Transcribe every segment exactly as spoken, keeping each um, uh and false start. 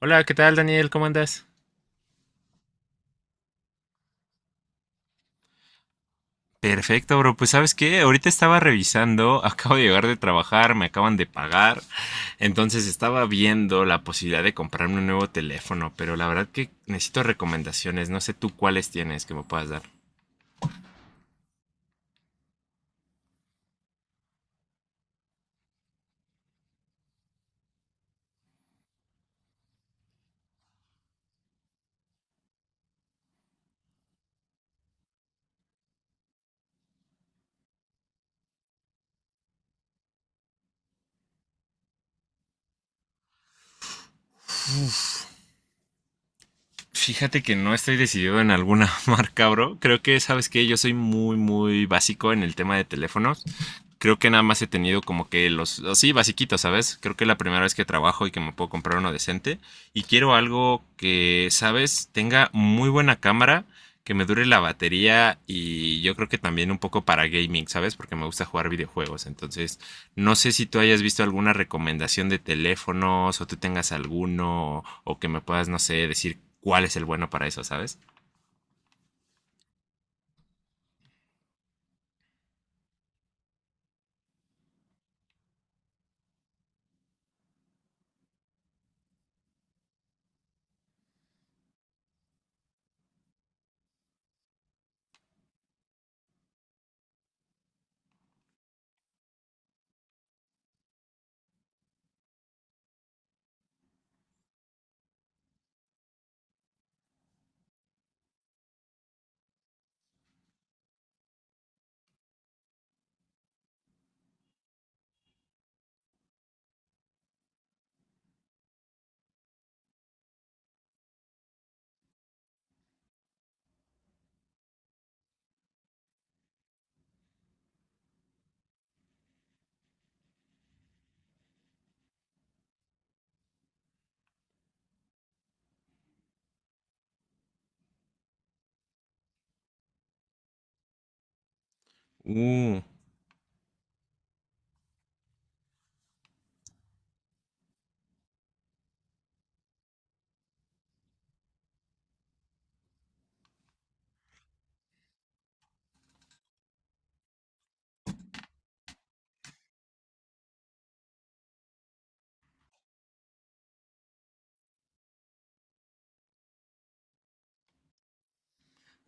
Hola, ¿qué tal Daniel? ¿Cómo andas? Perfecto, bro. Pues sabes qué, ahorita estaba revisando, acabo de llegar de trabajar, me acaban de pagar, entonces estaba viendo la posibilidad de comprarme un nuevo teléfono, pero la verdad que necesito recomendaciones, no sé tú cuáles tienes que me puedas dar. Fíjate que no estoy decidido en alguna marca, bro. Creo que, sabes que yo soy muy, muy básico en el tema de teléfonos. Creo que nada más he tenido como que los, así, basiquitos, ¿sabes? Creo que es la primera vez que trabajo y que me puedo comprar uno decente. Y quiero algo que, ¿sabes? Tenga muy buena cámara, que me dure la batería y yo creo que también un poco para gaming, ¿sabes? Porque me gusta jugar videojuegos. Entonces, no sé si tú hayas visto alguna recomendación de teléfonos o tú tengas alguno o que me puedas, no sé, decir cuál es el bueno para eso, ¿sabes? Uh,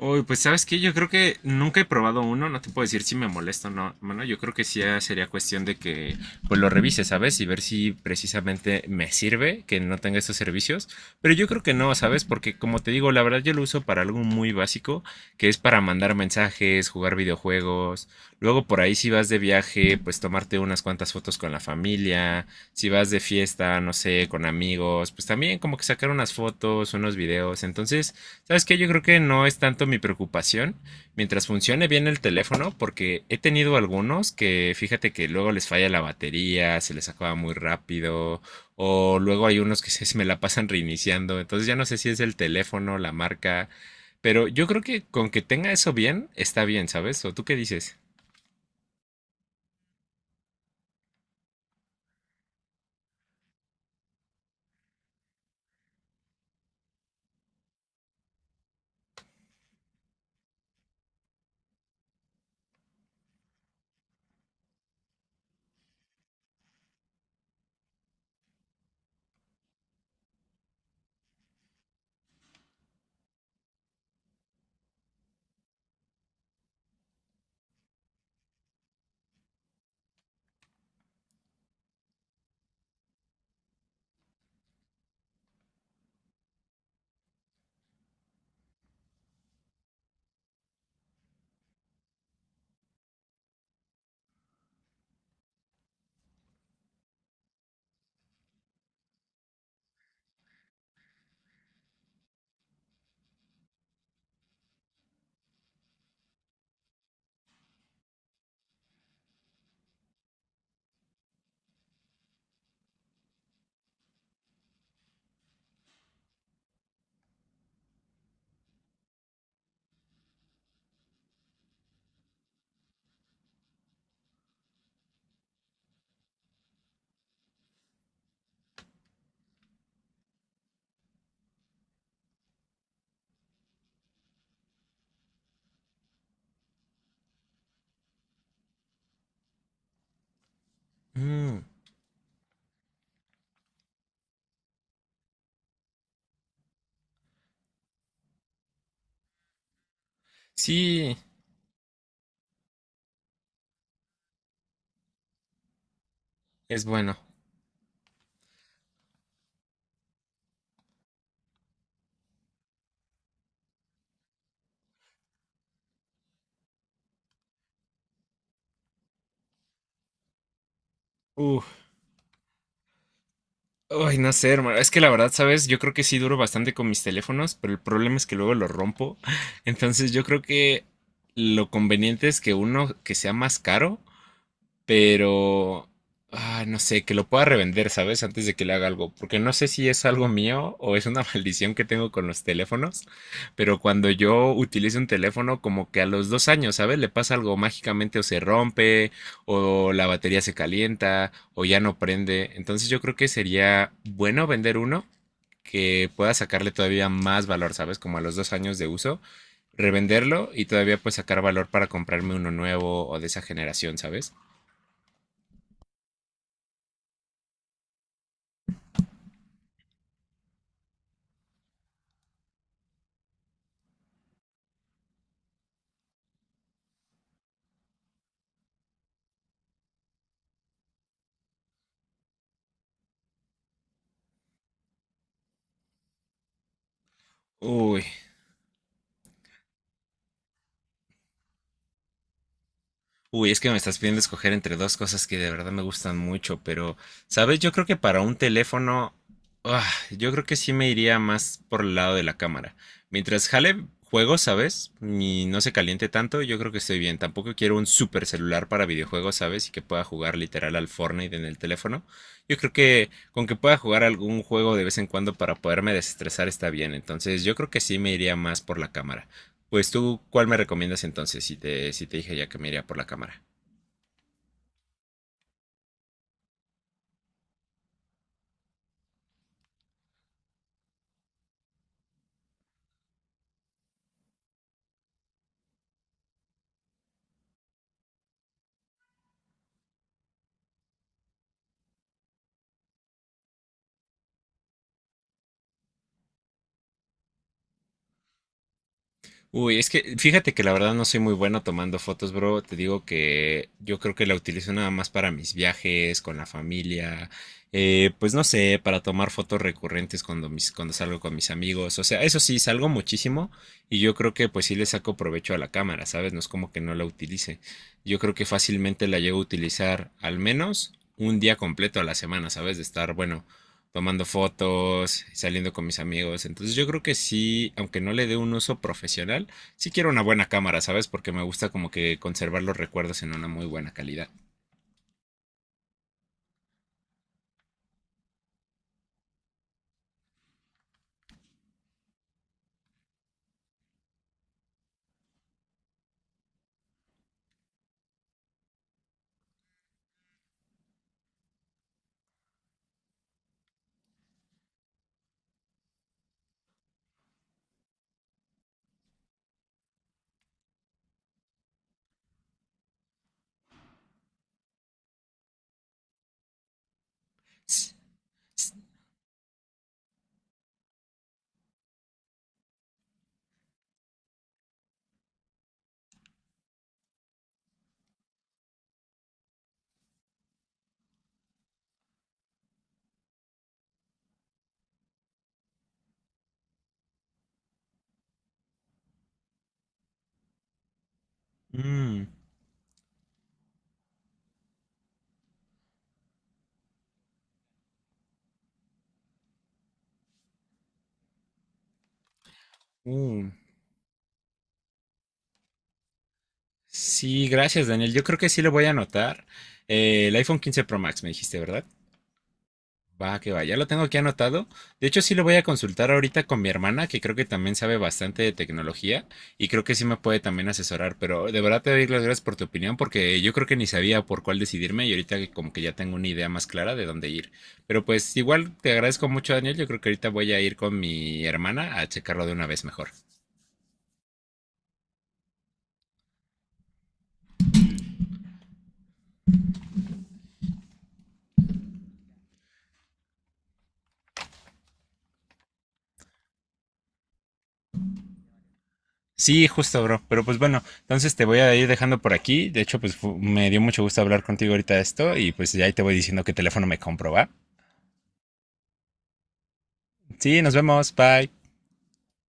Uy, pues sabes que yo creo que nunca he probado uno, no te puedo decir si me molesta o no. Bueno, yo creo que sí eh, sería cuestión de que pues lo revise, ¿sabes? Y ver si precisamente me sirve que no tenga estos servicios. Pero yo creo que no, ¿sabes? Porque como te digo, la verdad yo lo uso para algo muy básico, que es para mandar mensajes, jugar videojuegos. Luego por ahí si vas de viaje, pues tomarte unas cuantas fotos con la familia. Si vas de fiesta, no sé, con amigos, pues también como que sacar unas fotos, unos videos. Entonces, ¿sabes qué? Yo creo que no es tanto mi preocupación mientras funcione bien el teléfono, porque he tenido algunos que fíjate que luego les falla la batería, se les acaba muy rápido, o luego hay unos que se se me la pasan reiniciando, entonces ya no sé si es el teléfono, la marca, pero yo creo que con que tenga eso bien, está bien, ¿sabes? ¿O tú qué dices? Mm, sí, es bueno. Uf, ay, no sé, hermano. Es que la verdad, ¿sabes? Yo creo que sí duro bastante con mis teléfonos, pero el problema es que luego los rompo. Entonces yo creo que lo conveniente es que uno que sea más caro pero ah, no sé, que lo pueda revender, ¿sabes? Antes de que le haga algo, porque no sé si es algo mío o es una maldición que tengo con los teléfonos, pero cuando yo utilizo un teléfono, como que a los dos años, ¿sabes? Le pasa algo mágicamente o se rompe, o la batería se calienta, o ya no prende. Entonces yo creo que sería bueno vender uno que pueda sacarle todavía más valor, ¿sabes? Como a los dos años de uso, revenderlo y todavía pues sacar valor para comprarme uno nuevo o de esa generación, ¿sabes? Uy, uy, es que me estás pidiendo escoger entre dos cosas que de verdad me gustan mucho, pero, ¿sabes? Yo creo que para un teléfono, ah, yo creo que sí me iría más por el lado de la cámara. Mientras jale juegos, ¿sabes? Y no se caliente tanto, yo creo que estoy bien. Tampoco quiero un super celular para videojuegos, ¿sabes? Y que pueda jugar literal al Fortnite en el teléfono. Yo creo que con que pueda jugar algún juego de vez en cuando para poderme desestresar está bien. Entonces, yo creo que sí me iría más por la cámara. Pues tú, ¿cuál me recomiendas entonces si te, si te dije ya que me iría por la cámara? Uy, es que fíjate que la verdad no soy muy bueno tomando fotos, bro. Te digo que yo creo que la utilizo nada más para mis viajes, con la familia, eh, pues no sé, para tomar fotos recurrentes cuando, mis, cuando salgo con mis amigos. O sea, eso sí, salgo muchísimo y yo creo que pues sí le saco provecho a la cámara, ¿sabes? No es como que no la utilice. Yo creo que fácilmente la llevo a utilizar al menos un día completo a la semana, ¿sabes? De estar, bueno, tomando fotos, saliendo con mis amigos. Entonces yo creo que sí, aunque no le dé un uso profesional, sí quiero una buena cámara, ¿sabes? Porque me gusta como que conservar los recuerdos en una muy buena calidad. Mm, mm. Sí, gracias Daniel. Yo creo que sí lo voy a anotar. Eh, el iPhone quince Pro Max me dijiste, ¿verdad? Va, que va, ya lo tengo aquí anotado. De hecho, sí lo voy a consultar ahorita con mi hermana, que creo que también sabe bastante de tecnología y creo que sí me puede también asesorar. Pero de verdad te doy las gracias por tu opinión, porque yo creo que ni sabía por cuál decidirme y ahorita que como que ya tengo una idea más clara de dónde ir. Pero pues igual te agradezco mucho, Daniel. Yo creo que ahorita voy a ir con mi hermana a checarlo de una vez mejor. Sí, justo, bro. Pero pues bueno, entonces te voy a ir dejando por aquí. De hecho, pues fu- me dio mucho gusto hablar contigo ahorita de esto y pues ya ahí te voy diciendo qué teléfono me compro, ¿va? Sí, nos vemos. Bye.